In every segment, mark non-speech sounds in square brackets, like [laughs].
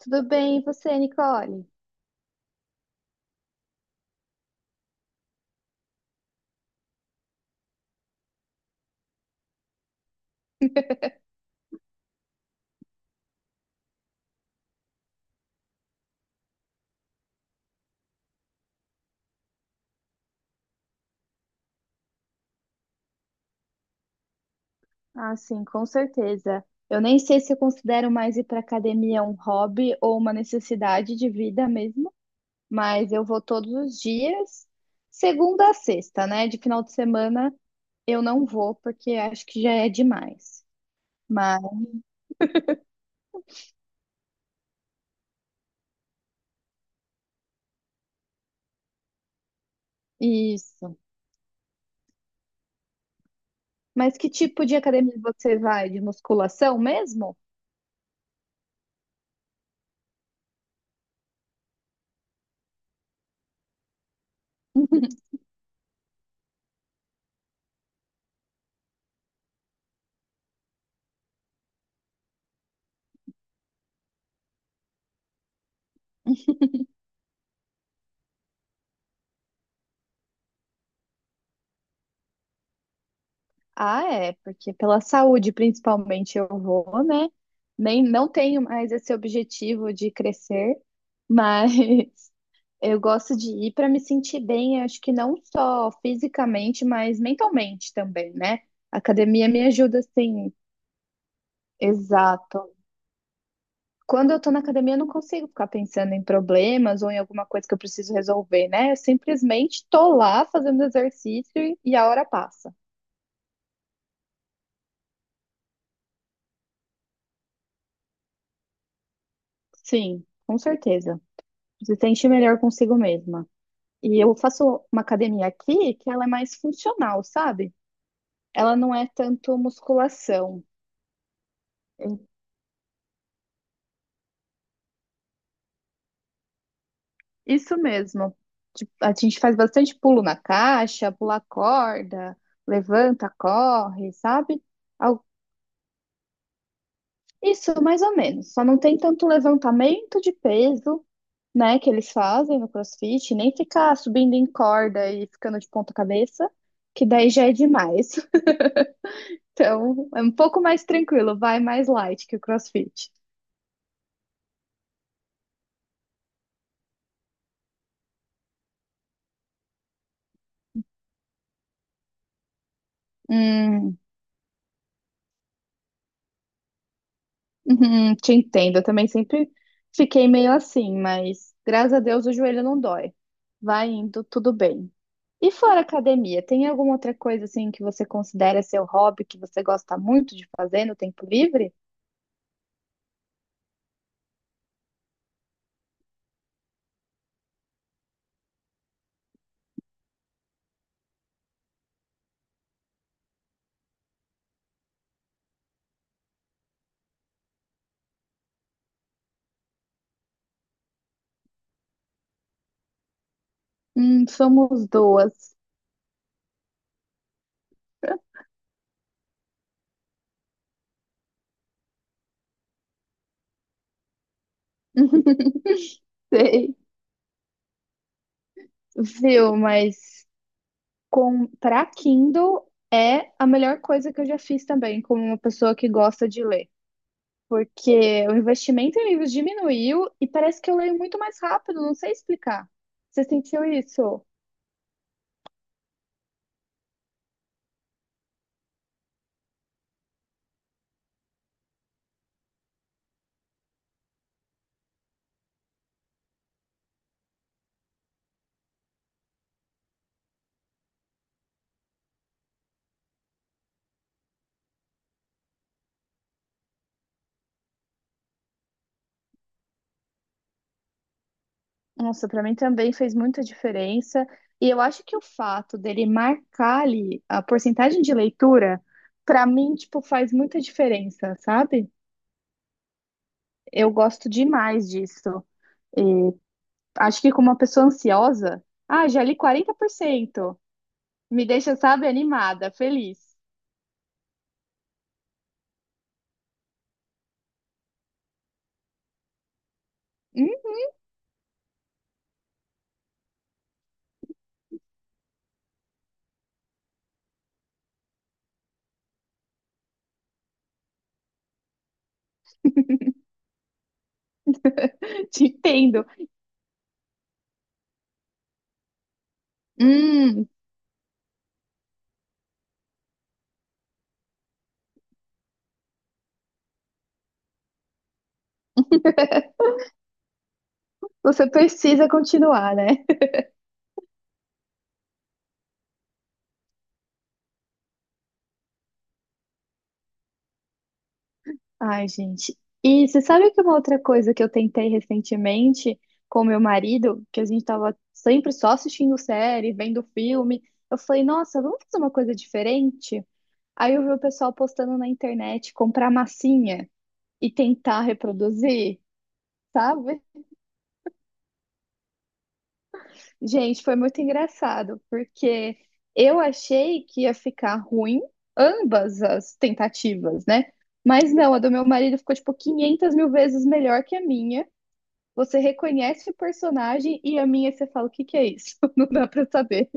Tudo bem, e você, Nicole? Ah, sim, com certeza. Eu nem sei se eu considero mais ir para academia um hobby ou uma necessidade de vida mesmo, mas eu vou todos os dias, segunda a sexta, né? De final de semana eu não vou porque acho que já é demais. Mas isso. Mas que tipo de academia você vai? De musculação mesmo? Ah, é, porque pela saúde principalmente eu vou, né? Nem não tenho mais esse objetivo de crescer, mas [laughs] eu gosto de ir para me sentir bem, acho que não só fisicamente, mas mentalmente também, né? A academia me ajuda assim, exato. Quando eu tô na academia, eu não consigo ficar pensando em problemas ou em alguma coisa que eu preciso resolver, né? Eu simplesmente tô lá fazendo exercício e a hora passa. Sim, com certeza. Se sente melhor consigo mesma. E eu faço uma academia aqui que ela é mais funcional, sabe? Ela não é tanto musculação. Isso mesmo. Tipo, a gente faz bastante pulo na caixa, pula corda, levanta, corre, sabe? Al- Isso, mais ou menos. Só não tem tanto levantamento de peso, né, que eles fazem no CrossFit, nem ficar subindo em corda e ficando de ponta cabeça, que daí já é demais. Então, é um pouco mais tranquilo, vai mais light que o CrossFit. Hum, uhum, te entendo, eu também sempre fiquei meio assim, mas graças a Deus o joelho não dói. Vai indo, tudo bem. E fora academia, tem alguma outra coisa assim que você considera seu hobby, que você gosta muito de fazer no tempo livre? Somos duas. [laughs] Sei, viu, mas comprar Kindle é a melhor coisa que eu já fiz também, como uma pessoa que gosta de ler. Porque o investimento em livros diminuiu e parece que eu leio muito mais rápido, não sei explicar. Você sentiu isso? Nossa, para mim também fez muita diferença. E eu acho que o fato dele marcar ali a porcentagem de leitura, para mim, tipo, faz muita diferença, sabe? Eu gosto demais disso. Acho que como uma pessoa ansiosa, ah, já li 40%, me deixa, sabe, animada, feliz. Hum. [laughs] Te entendo. Hum, você precisa continuar, né? Ai, gente. E você sabe que uma outra coisa que eu tentei recentemente com meu marido, que a gente tava sempre só assistindo série, vendo filme, eu falei, nossa, vamos fazer uma coisa diferente? Aí eu vi o pessoal postando na internet comprar massinha e tentar reproduzir, sabe? Gente, foi muito engraçado, porque eu achei que ia ficar ruim ambas as tentativas, né? Mas não, a do meu marido ficou tipo 500 mil vezes melhor que a minha. Você reconhece o personagem e a minha você fala, o que que é isso? [laughs] Não dá pra saber.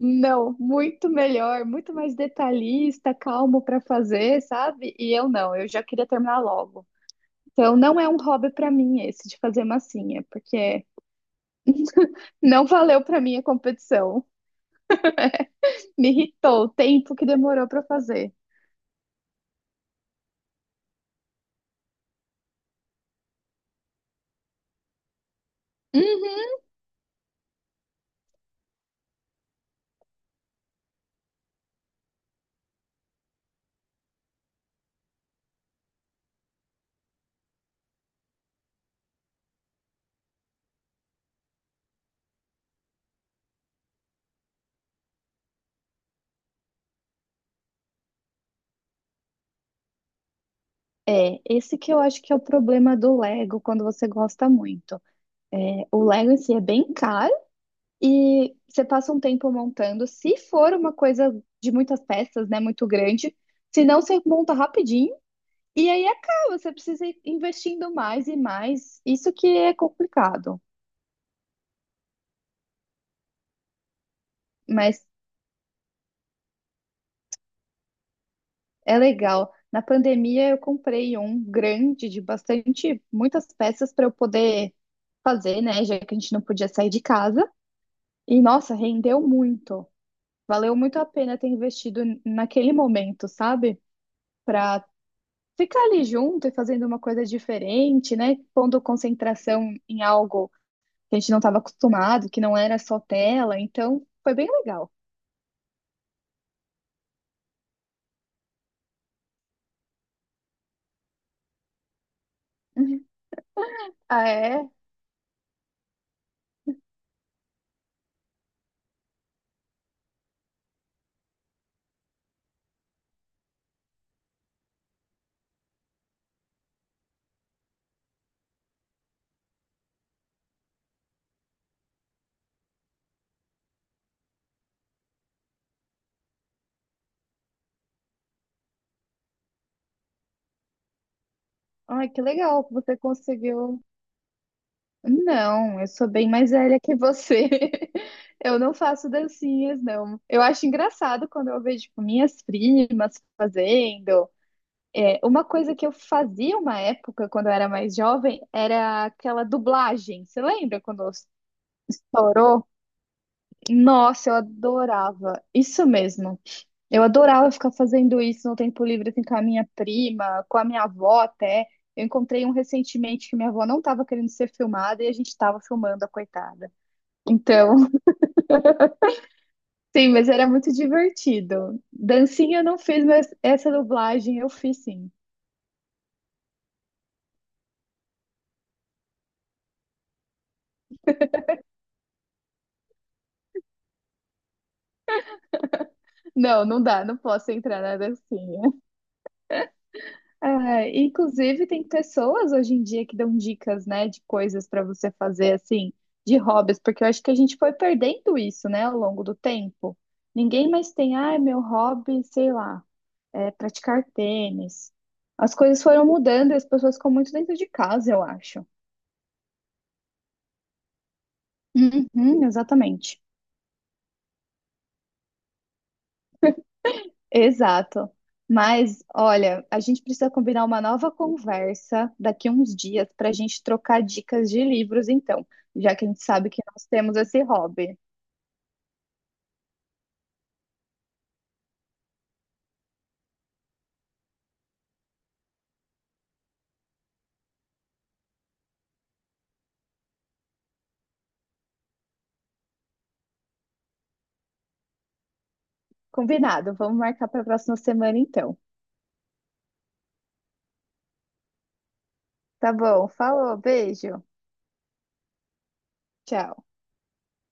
Não, muito melhor, muito mais detalhista, calmo pra fazer, sabe? E eu não, eu já queria terminar logo. Então não é um hobby pra mim esse de fazer massinha, porque não valeu pra mim a competição. Me irritou o tempo que demorou pra fazer. Uhum. É, esse que eu acho que é o problema do Lego quando você gosta muito. É, o Lego em si é bem caro. E você passa um tempo montando. Se for uma coisa de muitas peças, né, muito grande, se não, você monta rapidinho e aí acaba. Você precisa ir investindo mais e mais. Isso que é complicado, mas é legal. Na pandemia, eu comprei um grande de bastante, muitas peças para eu poder fazer, né, já que a gente não podia sair de casa. E nossa, rendeu muito. Valeu muito a pena ter investido naquele momento, sabe? Para ficar ali junto e fazendo uma coisa diferente, né? Pondo concentração em algo que a gente não estava acostumado, que não era só tela. Então, foi bem legal. [laughs] Ah, é? Ai, que legal que você conseguiu. Não, eu sou bem mais velha que você. [laughs] Eu não faço dancinhas, não. Eu acho engraçado quando eu vejo, tipo, minhas primas fazendo. É, uma coisa que eu fazia uma época, quando eu era mais jovem, era aquela dublagem. Você lembra quando estourou? Nossa, eu adorava. Isso mesmo. Eu adorava ficar fazendo isso no tempo livre, assim, com a minha prima, com a minha avó até. Eu encontrei um recentemente que minha avó não estava querendo ser filmada e a gente estava filmando a coitada. Então, [laughs] sim, mas era muito divertido. Dancinha eu não fiz, mas essa dublagem eu fiz sim. Não, não dá, não posso entrar na dancinha. É, inclusive, tem pessoas hoje em dia que dão dicas, né, de coisas para você fazer, assim, de hobbies, porque eu acho que a gente foi perdendo isso, né, ao longo do tempo. Ninguém mais tem, ah, meu hobby, sei lá, é praticar tênis. As coisas foram mudando e as pessoas ficam muito dentro de casa, eu acho. Uhum, exatamente. Exato. Mas, olha, a gente precisa combinar uma nova conversa daqui uns dias para a gente trocar dicas de livros, então, já que a gente sabe que nós temos esse hobby. Combinado, vamos marcar para a próxima semana, então. Tá bom, falou, beijo, tchau.